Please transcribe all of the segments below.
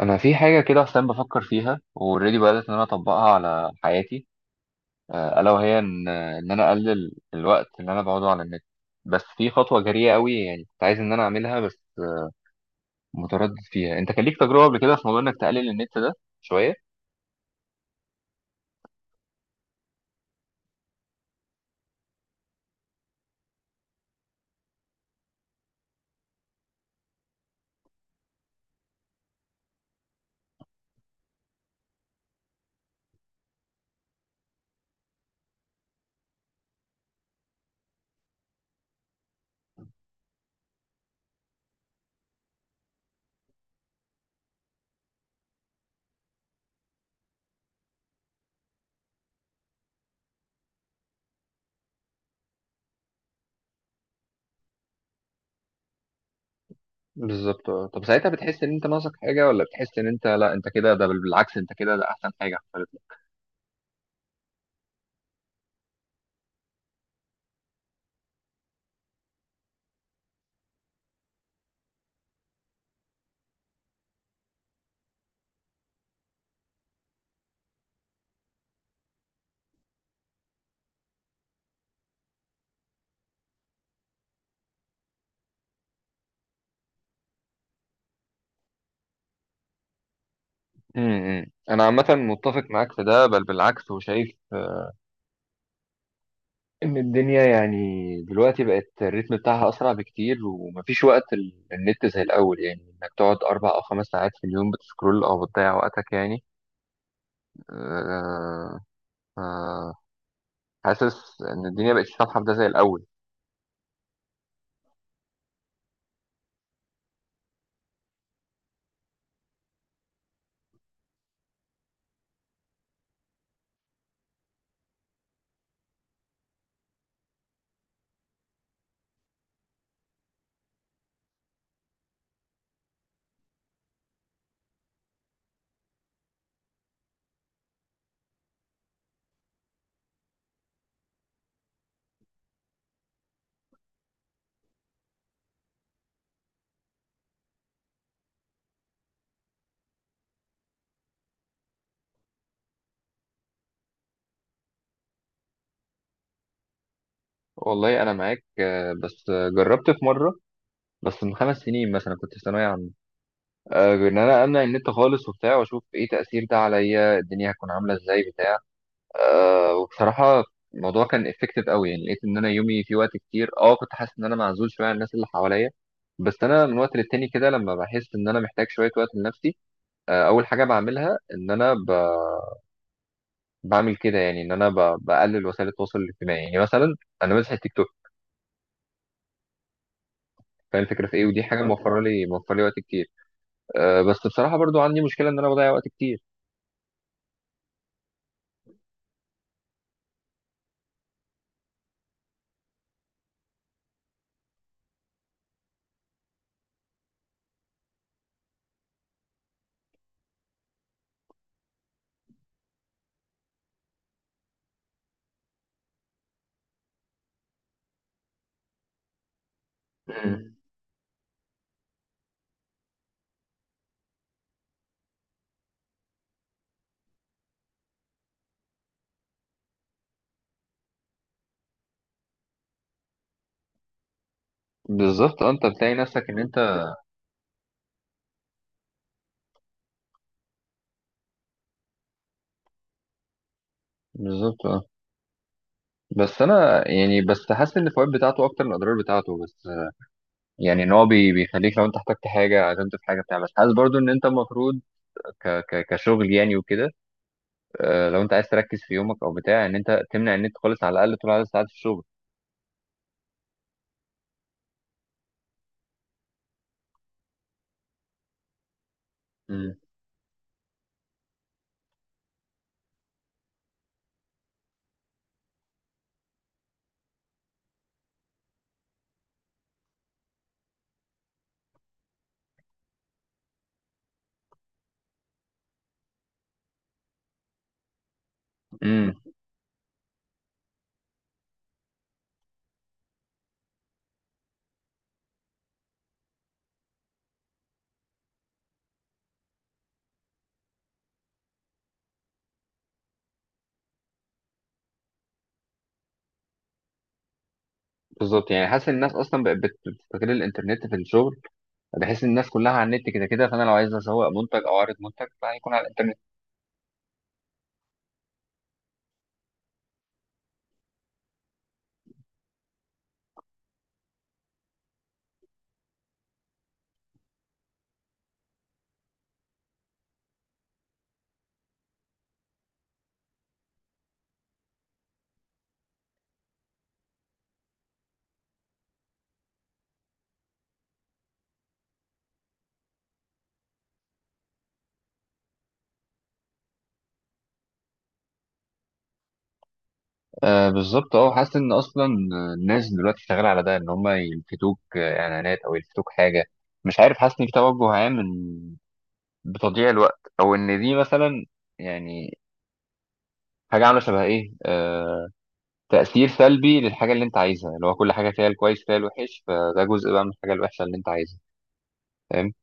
انا في حاجه كده اصلا بفكر فيها واوريدي بدات ان انا اطبقها على حياتي. الا وهي ان انا اقلل الوقت اللي انا بقعده على النت. بس في خطوه جريئه قوي يعني كنت عايز ان انا اعملها، بس متردد فيها. انت كان ليك تجربه قبل كده في موضوع انك تقلل النت ده شويه؟ بالظبط. اه طب ساعتها بتحس ان انت ناقصك حاجه، ولا بتحس ان انت، لا، انت كده ده، بل بالعكس، انت كده ده احسن حاجه حصلت لك؟ انا عامه متفق معاك في ده، بل بالعكس. وشايف ان الدنيا يعني دلوقتي بقت الريتم بتاعها اسرع بكتير، ومفيش وقت النت زي الاول، يعني انك تقعد 4 أو 5 ساعات في اليوم بتسكرول او بتضيع وقتك يعني. آه، آه، حاسس ان الدنيا بقت سامحه بده زي الاول. والله انا معاك، بس جربت في مره، بس من 5 سنين مثلا كنت في ثانويه عامه، ان انا امنع النت خالص وبتاع واشوف ايه تاثير ده عليا، الدنيا هتكون عامله ازاي بتاع. وبصراحة الموضوع كان افكتيف قوي، يعني لقيت ان انا يومي في وقت كتير، كنت حاسس ان انا معزول شوية عن الناس اللي حواليا. بس انا من وقت للتاني كده لما بحس ان انا محتاج شوية وقت لنفسي، اول حاجة بعملها ان انا بعمل كده، يعني ان انا بقلل وسائل التواصل الاجتماعي، يعني مثلا انا ماسح التيك توك، فاهم الفكرة في ايه، ودي حاجة موفرة لي موفرة لي وقت كتير. بس بصراحة برضو عندي مشكلة ان انا بضيع وقت كتير. مم. بالظبط. انت بتلاقي نفسك ان انت. بالظبط. اه بس انا يعني، بس حاسس ان الفوائد بتاعته اكتر من الاضرار بتاعته، بس يعني ان هو بيخليك لو انت احتجت حاجه، عزمت في حاجه بتاع. بس حاسس برضو ان انت المفروض ك ك كشغل يعني وكده. لو انت عايز تركز في يومك او بتاع، ان انت تمنع النت خالص على الاقل طول عدد ساعات الشغل. امم امم بالظبط، يعني حاسس ان الناس اصلا بقت بتستغل الانترنت في الشغل، بحيث ان الناس كلها على النت كده كده، فانا لو عايز اسوق منتج او اعرض منتج فهيكون على الانترنت. بالظبط. اه حاسس ان اصلا الناس دلوقتي شغاله على ده، ان هم يلفتوك، اعلانات او يلفتوك حاجه، مش عارف. حاسس ان في توجه عام من بتضييع الوقت، او ان دي مثلا يعني حاجه عامله شبه ايه، تاثير سلبي للحاجه اللي انت عايزها، اللي هو كل حاجه فيها الكويس فيها الوحش، فده جزء بقى من الحاجه الوحشه اللي انت عايزها، فاهم؟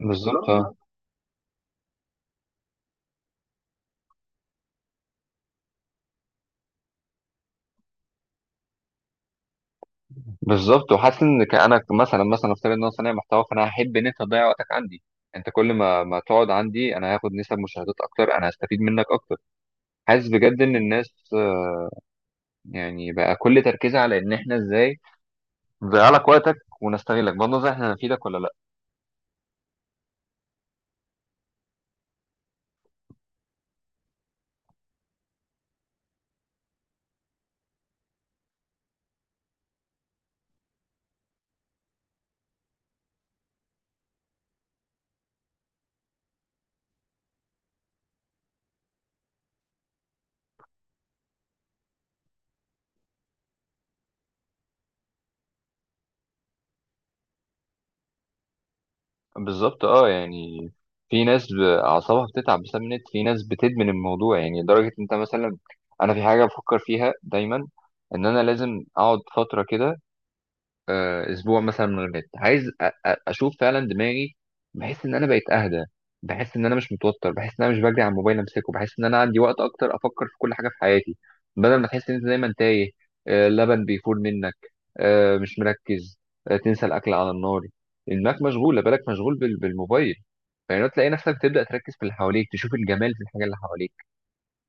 بالظبط. اه بالظبط. وحاسس ان انا مثلا، افترض ان انا صانع محتوى، فانا هحب ان انت تضيع وقتك عندي. انت كل ما تقعد عندي، انا هاخد نسب مشاهدات اكتر، انا هستفيد منك اكتر. حاسس بجد ان الناس، يعني بقى كل تركيزها على ان احنا ازاي نضيع لك وقتك ونستغلك، بغض النظر احنا هنفيدك ولا لا. بالظبط. اه يعني في ناس اعصابها بتتعب بسبب النت، في ناس بتدمن الموضوع يعني لدرجه. انت مثلا، انا في حاجه بفكر فيها دايما، ان انا لازم اقعد فتره كده، اسبوع مثلا من غير نت، عايز اشوف فعلا دماغي. بحس ان انا بقيت اهدى، بحس ان انا مش متوتر، بحس ان انا مش بجري على الموبايل امسكه، بحس ان انا عندي وقت اكتر افكر في كل حاجه في حياتي، بدل ما تحس ان انت دايما تايه، لبن بيفور منك، مش مركز، تنسى الاكل على النار، انك مشغول بالك مشغول بالموبايل. يعني تلاقي نفسك تبدا تركز في اللي حواليك، تشوف الجمال في الحاجه اللي حواليك،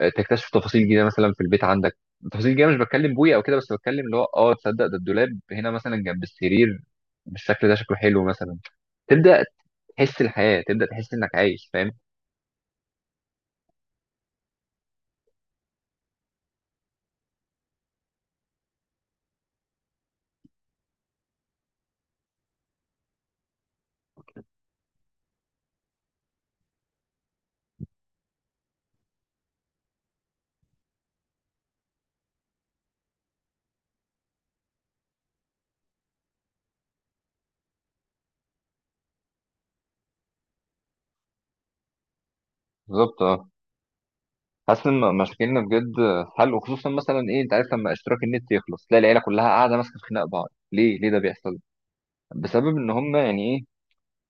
تكتشف تفاصيل جديده مثلا في البيت عندك، تفاصيل جديده، مش بتكلم بويا او كده، بس بتكلم اللي هو، تصدق ده الدولاب هنا مثلا جنب السرير، بالشكل ده شكله حلو مثلا. تبدا تحس الحياه، تبدا تحس انك عايش، فاهم؟ بالظبط. اه حاسس ان مشاكلنا بجد حل، وخصوصا مثلا ايه، انت عارف لما اشتراك النت يخلص، تلاقي العيله كلها قاعده ماسكه في خناق بعض. ليه ده بيحصل؟ بسبب ان هم يعني ايه،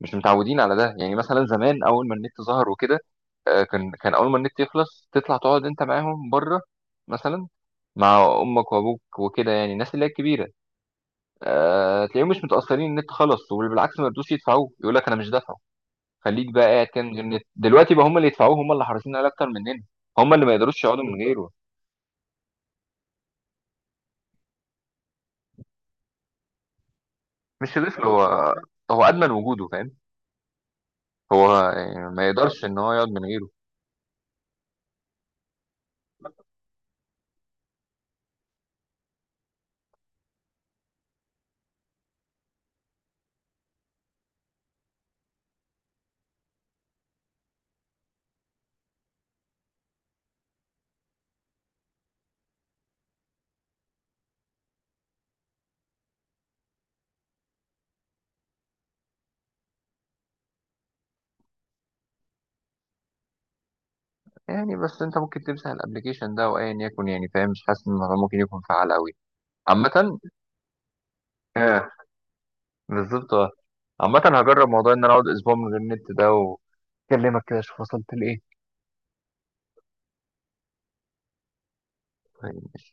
مش متعودين على ده. يعني مثلا زمان اول ما النت ظهر وكده، كان اول ما النت يخلص تطلع تقعد انت معاهم بره، مثلا مع امك وابوك وكده، يعني الناس اللي هي الكبيره، تلاقيهم مش متاثرين، النت خلص، وبالعكس ما يردوش يدفعوه، يقول لك انا مش دافعه، خليك بقى قاعد كان من غير النت. دلوقتي بقى هم اللي يدفعوه، هم اللي حريصين عليه اكتر مننا. هم اللي ما يقدروش يقعدوا من غيره، مش طفل هو؟ هو ادمن وجوده، فاهم؟ هو يعني ما يقدرش ان هو يقعد من غيره. يعني بس انت ممكن تمسح الابلكيشن ده وايا يكن، يعني فاهم؟ مش حاسس ان الموضوع ممكن يكون فعال قوي عامة. اه بالظبط. اه عامة هجرب موضوع ان انا اقعد اسبوع من غير النت ده، واكلمك كده اشوف وصلت لايه. طيب.